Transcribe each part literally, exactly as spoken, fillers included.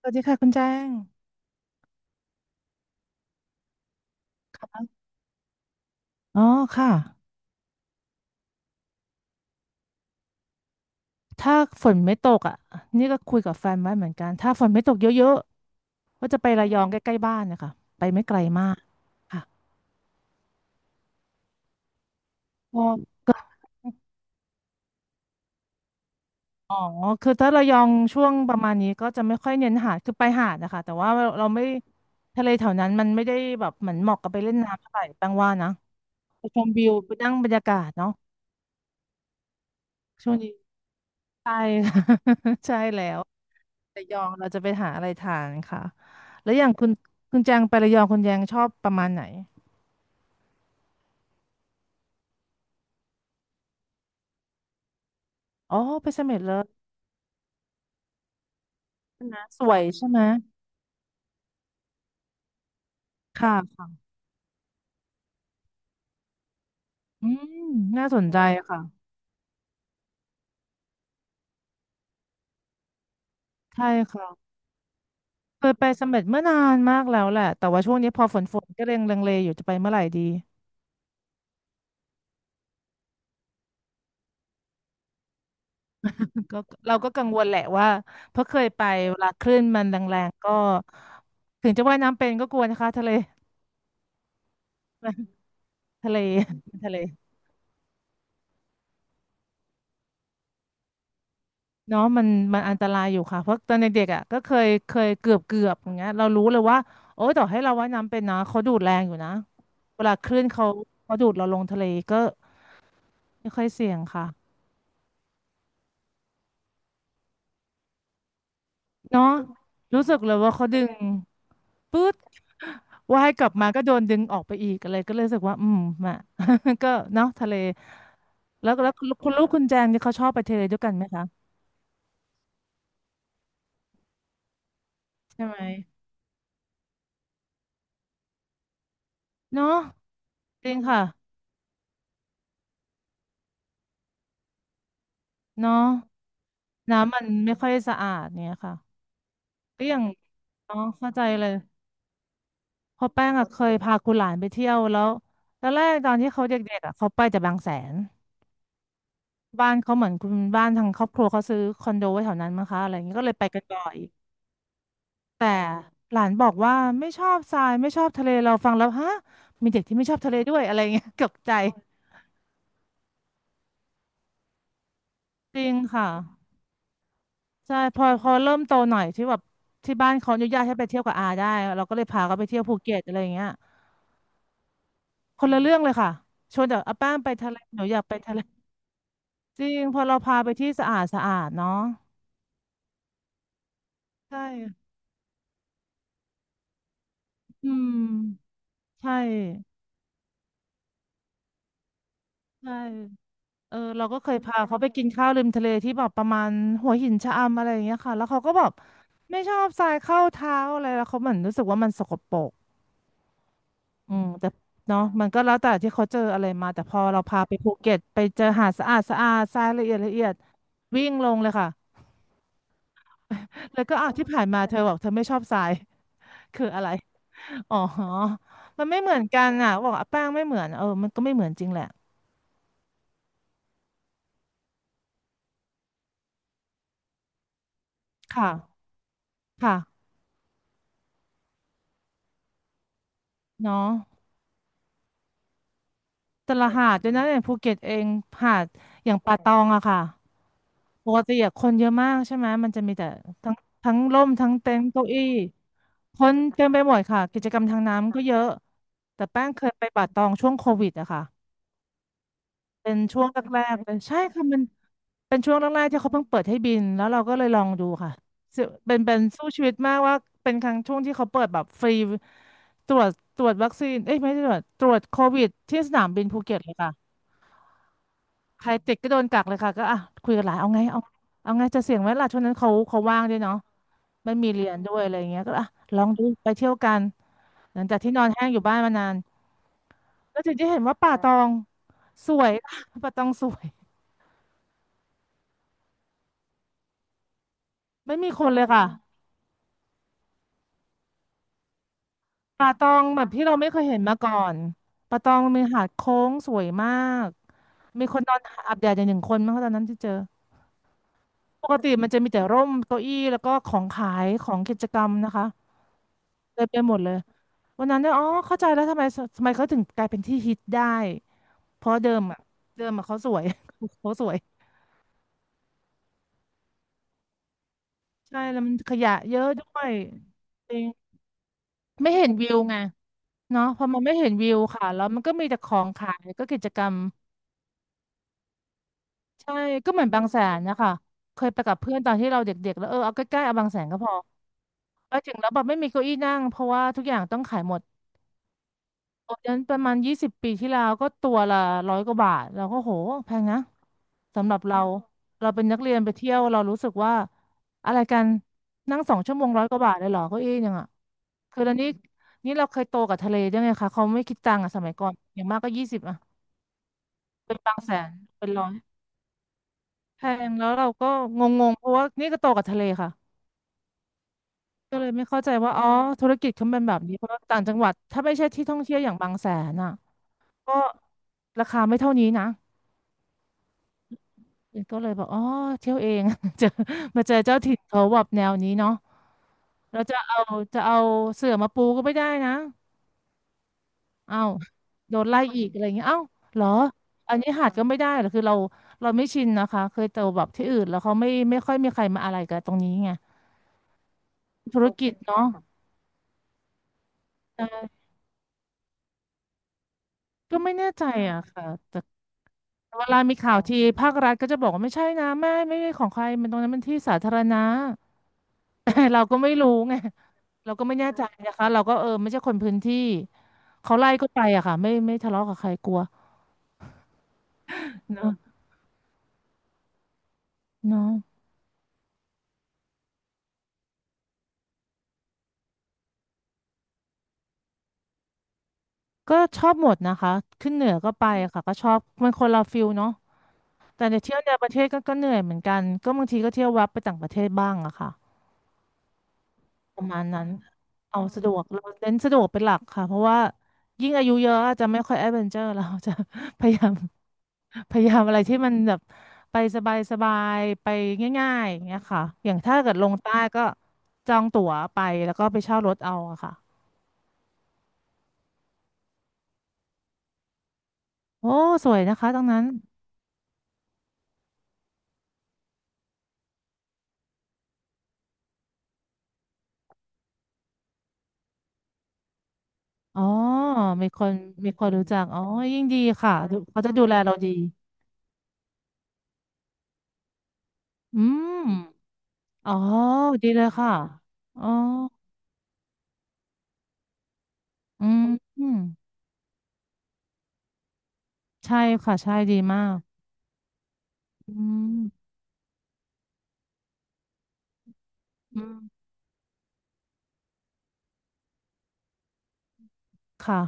สวัสดีค่ะคุณแจ้งอ๋อค่ะ ถ้าฝนไม่ตกอ่ะนี่ก็คุยกับแฟนไว้เหมือนกัน ถ้าฝนไม่ตกเยอะๆ ก็จะไประยองใกล้ๆบ้านนะคะไปไม่ไกลมากค่ะพออ๋อคือถ้าระยองช่วงประมาณนี้ก็จะไม่ค่อยเน้นหาดคือไปหาดนะคะแต่ว่าเราไม่ทะเลแถวนั้นมันไม่ได้แบบเหมือนเหมาะกับไปเล่นน้ำเท่าไหร่แปลว่านะไปชมวิวไปนั่งบรรยากาศเนาะช่วงนี้ใช่ ใช่แล้ว ระยองเราจะไปหาอะไรทานค่ะแล้วอย่างคุณคุณแจงไประยองคุณแจงชอบประมาณไหนอ๋อไปเสม็ดเลยใช่ไหมสวยใช่ไหมค่ะอืมน่าสนใจค่ะใช่ค่ะเคยไปเสม็ดเมื่อนานมากแล้วแหละ แต่ว่าช่วงนี้พอฝนฝนก็เรงลังเลอยู่จะไปเมื่อไหร่ดีก็เราก็กังวลแหละว่าเพราะเคยไปเวลาคลื่นมันแรงๆก็ถึงจะว่ายน้ำเป็นก็กลัวนะคะทะเล ทะเล ทะเล เนาะมันมันอันตรายอยู่ค่ะเพราะตอนเด็กๆอ่ะก็เคยเคยเกือบเกือบอย่างเงี้ยเรารู้เลยว่าโอ้ยต่อให้เราว่ายน้ำเป็นนะเขาดูดแรงอยู่นะเวลาคลื่นเขาเขาดูดเราลงทะเลก็ไม่ค่อยเสี่ยงค่ะเนาะรู้สึกเลยว่าเขาดึงปึ๊ดว่ายกลับมาก็โดนดึงออกไปอีกอะไรก็เลยรู้สึกว่าอืมมา ก็เนาะทะเลแล้วแล้วคุณลูกคุณแจงนี่เขาชอบไปทะเลด้วยกันไหมคะใช่ไหมเนาะจริงค่ะ เนาะน้ำมันไม่ค่อยสะอาดเนี่ยค่ะก็อย่างเนาะเข้าใจเลยเพอแป้งอะเคยพาคุณหลานไปเที่ยวแล้วตอนแรกตอนที่เขาเด็กๆอะเขาไปแต่บางแสน บ้านเขาเหมือนคุณบ้านทางครอบครัวเขาซื้อคอนโดไว้แถวนั้นมั้งคะ อะไรอย่างนี้ก็เลยไปกันบ่อยแต่หลานบอกว่าไม่ชอบทรายไม่ชอบทะเลเราฟังแล้วฮะ มีเด็กที่ไม่ชอบทะเลด้วยอะไรเงี้ย ตกบใจจริงค่ะใช่พอพอเริ่มโตหน่อยที่แบบที่บ้านเขาอนุญาตให้ไปเที่ยวกับอาได้เราก็เลยพาเขาไปเที่ยวภูเก็ตอะไรเงี้ย คนละเรื่องเลยค่ะชวนจากอาแป้งไปทะเลหนูอยากไปทะเลจริงพอเราพาไปที่สะอาดสะอาดเนาะใช่อืมใช่ใช่เออเราก็เคยพาเขาไปกินข้าวริมทะเลที่แบบประมาณหัวหินชะอำอะไรอย่างเงี้ยค่ะแล้วเขาก็แบบไม่ชอบทรายเข้าเท้าอะไรแล้วเขาเหมือนรู้สึกว่ามันสกปรกอืมแต่เนาะมันก็แล้วแต่ที่เขาเจออะไรมาแต่พอเราพาไปภูเก็ตไปเจอหาดสะอาดสะอาดทรายละเอียดละเอียดวิ่งลงเลยค่ะแล้วก็อ้าวที่ผ่านมาเธอบอกเธอไม่ชอบทราย คืออะไร อ๋อมันไม่เหมือนกันอ่ะบอกอ่ะแป้งไม่เหมือนเออมันก็ไม่เหมือนจริงแหละค่ะค่ะเนาะแต่ละหาดด้วยนะอย่างภูเก็ตเองหาดอย่างป่าตองอะค่ะปกติอะคนเยอะมากใช่ไหมมันจะมีแต่ทั้งทั้งร่มทั้งเต็นท์เก้าอี้คนเต็มไปหมดค่ะกิจกรรมทางน้ำก็เยอะแต่แป้งเคยไปป่าตองช่วงโควิดอะค่ะ เป็นช่วงแรกๆเลยใช่ค่ะมันเป็นช่วงแรกๆที่เขาเพิ่งเปิดให้บินแล้วเราก็เลยลองดูค่ะซึ่งเป็นเป็นสู้ชีวิตมากว่าเป็นครั้งช่วงที่เขาเปิดแบบฟรีตรวจตรวจวัคซีนเอ้ยไม่ใช่ตรวจตรวจโควิดที่สนามบินภูเก็ตเลยค่ะใครติดก็โดนกักเลยค่ะก็อ่ะคุยกันหลายเอาไงเอาเอาไงจะเสี่ยงไหมล่ะช่วงนั้นเขาเขาว่างด้วยเนาะไม่มีเรียนด้วยอะไรอย่างเงี้ยก็อ่ะลองดูไปเที่ยวกันหลังจากที่นอนแห้งอยู่บ้านมานานแล้วถึงได้เห็นว่าป่าตองสวย ป่าตองสวย ไม่มีคนเลยค่ะป่าตองแบบที่เราไม่เคยเห็นมาก่อนป่าตองมีหาดโค้งสวยมากมีคนนอนอาบแดดอย่างหนึ่งคนมั้งะตอนนั้นที่เจอปกติมันจะมีแต่ร่มเก้าอี้แล้วก็ของขายของกิจกรรมนะคะเต็มไปหมดเลยวันนั้นเนี่ยอ๋อเข้าใจแล้วทำไมทำไมเขาถึงกลายเป็นที่ฮิตได้เพราะเดิมอ่ะเดิมอ่ะเขาสวย เขาสวยใช่แล้วมันขยะเยอะด้วยจริงไม่เห็นวิวไงเนาะพอมันไม่เห็นวิวค่ะแล้วมันก็มีแต่ของขายก็กิจกรรม ใช่ก็เหมือนบางแสนนะคะเคยไปกับเพื่อนตอนที่เราเด็กๆแล้วเออเอาใกล้ๆเอาบางแสนก็พอไปถึงแล้วแบบไม่มีเก้าอี้นั่งเพราะว่าทุกอย่างต้องขายหมดตอนนั้นประมาณยี่สิบปีที่แล้วก็ตัวละร้อยกว่าบาทเราก็โหแพงนะสำหรับเราเราเป็นนักเรียนไปเที่ยวเรารู้สึกว่าอะไรกันนั่งสองชั่วโมงร้อยกว่าบาทเลยเหรอเก้าอี้ยังอ่ะคือแล้วนี้นี่เราเคยโตกับทะเลด้วยไงคะเขาไม่คิดตังค์อ่ะสมัยก่อนอย่างมากก็ยี่สิบอ่ะเป็นบางแสนเป็นร้อยแพงแล้วเราก็งงๆเพราะว่านี่ก็โตกับทะเลค่ะ ก็เลยไม่เข้าใจว่าอ๋อธุรกิจเขาเป็นแบบนี้เพราะว่าต่างจังหวัดถ้าไม่ใช่ที่ท่องเที่ยวอย่างบางแสนอ่ะก็ราคาไม่เท่านี้นะก็เลยบอกอ๋อเที่ยวเอง เจอมาเจอเจ้าถิ่นเขาแบบแนวนี้เนาะเราจะเอาจะเอาเสื่อมาปูก็ไม่ได้นะเอ้าโดนไล่อีกอะไรเงี้ยเอ้าเหรออันนี้หาดก็ไม่ได้เหรอคือเราเราไม่ชินนะคะเคยเจอแบบที่อื่นแล้วเขาไม่ไม่ค่อยมีใครมาอะไรกับตรงนี้ไงธุรกิจเนาะก็ไม่แน่ใจอะค่ะแต่ เวลามีข่าวทีภาครัฐก็จะบอกว่าไม่ใช่นะไม่ไม่ใช่ของใครมันตรงนั้นมันที่สาธารณะ เราก็ไม่รู้ไงเราก็ไม่แน่ใจนะคะเราก็เออไม่ใช่คนพื้นที่เขาไล่ก็ไปอะค่ะไม่ไม่ทะเลาะกับใครกลัวเนาะเนาะก็ชอบหมดนะคะขึ้นเหนือก็ไปอะค่ะก็ชอบมันคนละฟิลเนาะแต่เดี๋ยวเที่ยวในประเทศก็ก็เหนื่อยเหมือนกันก็บางทีก็เที่ยวแวับไปต่างประเทศบ้างอะค่ะ ประมาณนั้นเอาสะดวกเราเน้นสะดวกเป็นหลักค่ะเพราะว่ายิ่งอายุเยอะอาจจะไม่ค่อยแอดเวนเจอร์เราจะ พยายาม พยายามอะไรที่มันแบบไปสบายสบายไปง่ายๆอย่างเงี้ยค่ะอย่างถ้าเกิดลงใต้ก็จองตั๋วไปแล้วก็ไปเช่ารถเอาอะค่ะโอ้สวยนะคะตรงนั้นอ๋อมีคนมีคนรู้จักอ๋อยิ่งดีค่ะดูเขาจะดูแลเราดีอืมอ๋อดีเลยค่ะอ๋ออืมอืมใช่ค่ะใช่ดีมาก อืมอืมค่ะ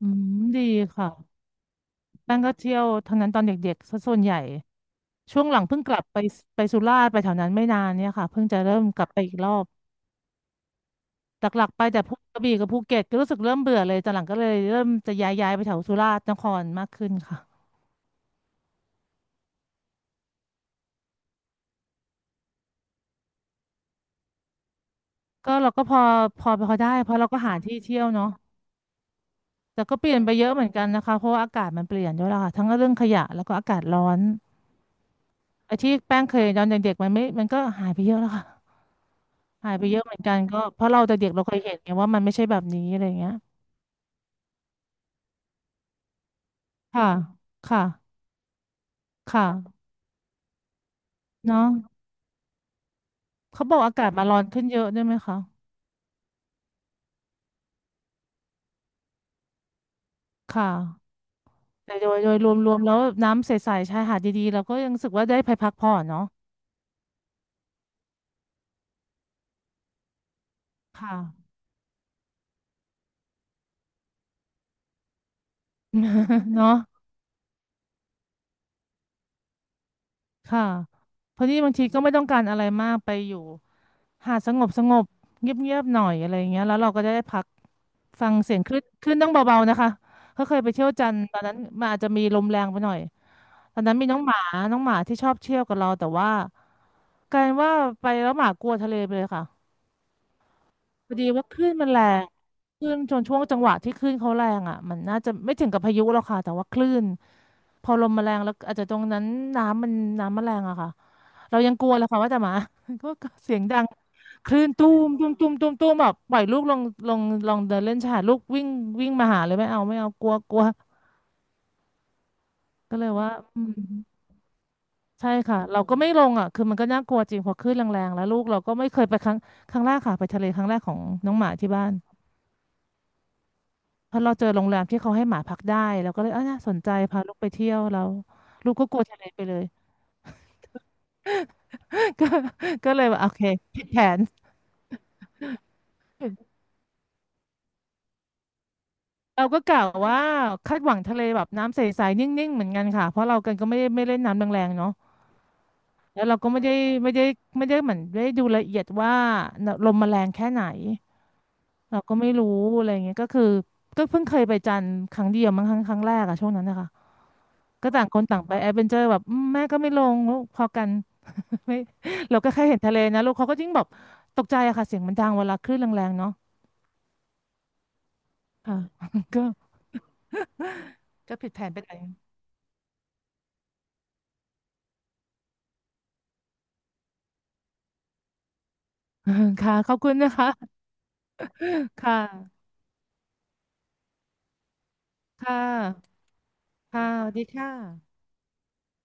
อืมดีค่ะแป้งก็เที่ยวทั้งนั้นตอนเด็กๆซะส่วนใหญ่ช่วงหลังเพิ่งกลับไปไปสุราษฎร์ไปแถวนั้นไม่นานเนี่ยค่ะเพิ่งจะเริ่มกลับไปอีกรอบหลักๆไปแต่พวกกระบี่กับภูเก็ตก็รู้สึกเริ่มเบื่อเลยตอนหลังก็เลยเริ่มจะย้ายย้ายไปแถวสุราษฎร์นครมากขึ้นค่ะก็เราก็พอพอพอได้เพราะเราก็หาที่เที่ยวเนาะแต่ก็เปลี่ยนไปเยอะเหมือนกันนะคะเพราะว่าอากาศมันเปลี่ยนด้วยล่ะค่ะทั้งเรื่องขยะแล้วก็อากาศร้อนไอ้ที่แป้งเคยตอนเด็กๆมันไม่มันก็หายไปเยอะแล้วค่ะ หายไปเยอะเหมือนกันก็เพราะเราแต่เด็กเราเคยเห็นไงว่ามันไม่ใช่แบบนี้อะไรเงี้ยค่ะค่ะ ค่ะเนาะเขาบอกอากาศมาร้อนขึ้นเยอะด้วยไหมคะค่ะแต่โดยโดยรวมๆแล้วน้ำใสๆชายหาดดีๆเราก็ยังรู้สึกว่าได้ไปพักผ่อนเนาะค่ะ เนาะค่ะเพราะนี่บางทีก็ไม่ต้องการอะไรมากไปอยู่หาดสงบสงบเงียบๆหน่อยอะไรอย่างเงี้ยแล้วเราก็จะได้พักฟังเสียงคลื่นคลื่นต้องเบาๆนะคะ เขาเคยไปเที่ยวจันทร์ตอนนั้นมันอาจจะมีลมแรงไปหน่อย ตอนนั้นมีน้องหมาน้องหมาที่ชอบเที่ยวกับเราแต่ว่ากลายเป็นว่าไปแล้วหมากลัวทะเลไปเลยค่ะพอดีว่าคลื่นมันแรงคลื่นจนช่วงจังหวะที่คลื่นเขาแรงอ่ะมันน่าจะไม่ถึงกับพายุหรอกค่ะแต่ว่าคลื่นพอลมมาแรงแล้วอาจจะตรงนั้นน้ำมันน้ำมันแรงอะค่ะเรายังกลัวเลยค่ะว่าแต่หมา ก็ก็เสียงดังคลื่นตูมตูมตูมตูมตูมแบบปล่อยลูกลงลงลองเดินเล่นชายหาดลูกวิ่งวิ่งมาหาเลยไม่เอาไม่เอากลัวกลัวก็เลยว่าอืม ใช่ค่ะเราก็ไม่ลงอ่ะคือมันก็น่ากลัวจริงพอคขื่นแรงๆแล้วลูกเราก็ไม่เคยไปครั้งครั้งแรกค่ะไปทะเลครั้งแรกของน้องหมาที่บ้านเพราะเราเจอโรงแรมที่เขาให้หมาพักได้เราก็เลยเออน่าสนใจพาลูกไปเที่ยวเราลูกก็กลัวทะเลไปเลย ก็เลยว่าโอเคผิดแผนเราก็กะว่าคาดหวังทะเลแบบน้ำใสๆนิ่งๆเหมือนกันค่ะเพราะเรากันก็ไม่ได้ไม่เล่นน้ำแรงๆเนาะแล้วเราก็ไม่ได้ไม่ได้ไม่ได้เหมือนได้ดูละเอียดว่าลมมันแรงแค่ไหน เราก็ไม่รู้อะไรเงี้ยก็คือก็เพิ่งเคยไปจันทร์ครั้งเดียวมั้งครั้งครั้งแรกอะช่วงนั้นนะคะก็ต่างคนต่างไปแอดเวนเจอร์แบบอืมแม่ก็ไม่ลงลูกพอกัน ไม่เราก็แค่เห็นทะเลนะลูกเขาก็ยิ่งแบบตกใจอะค่ะเสียงมันดังเวลาคลื่นแรงๆเนาะค่ะ ก็ก็ผิดแผนไปหน่อย ค่ะขอบคุณนะคะค่ะค่ะค่ะสวัสดีค่ะ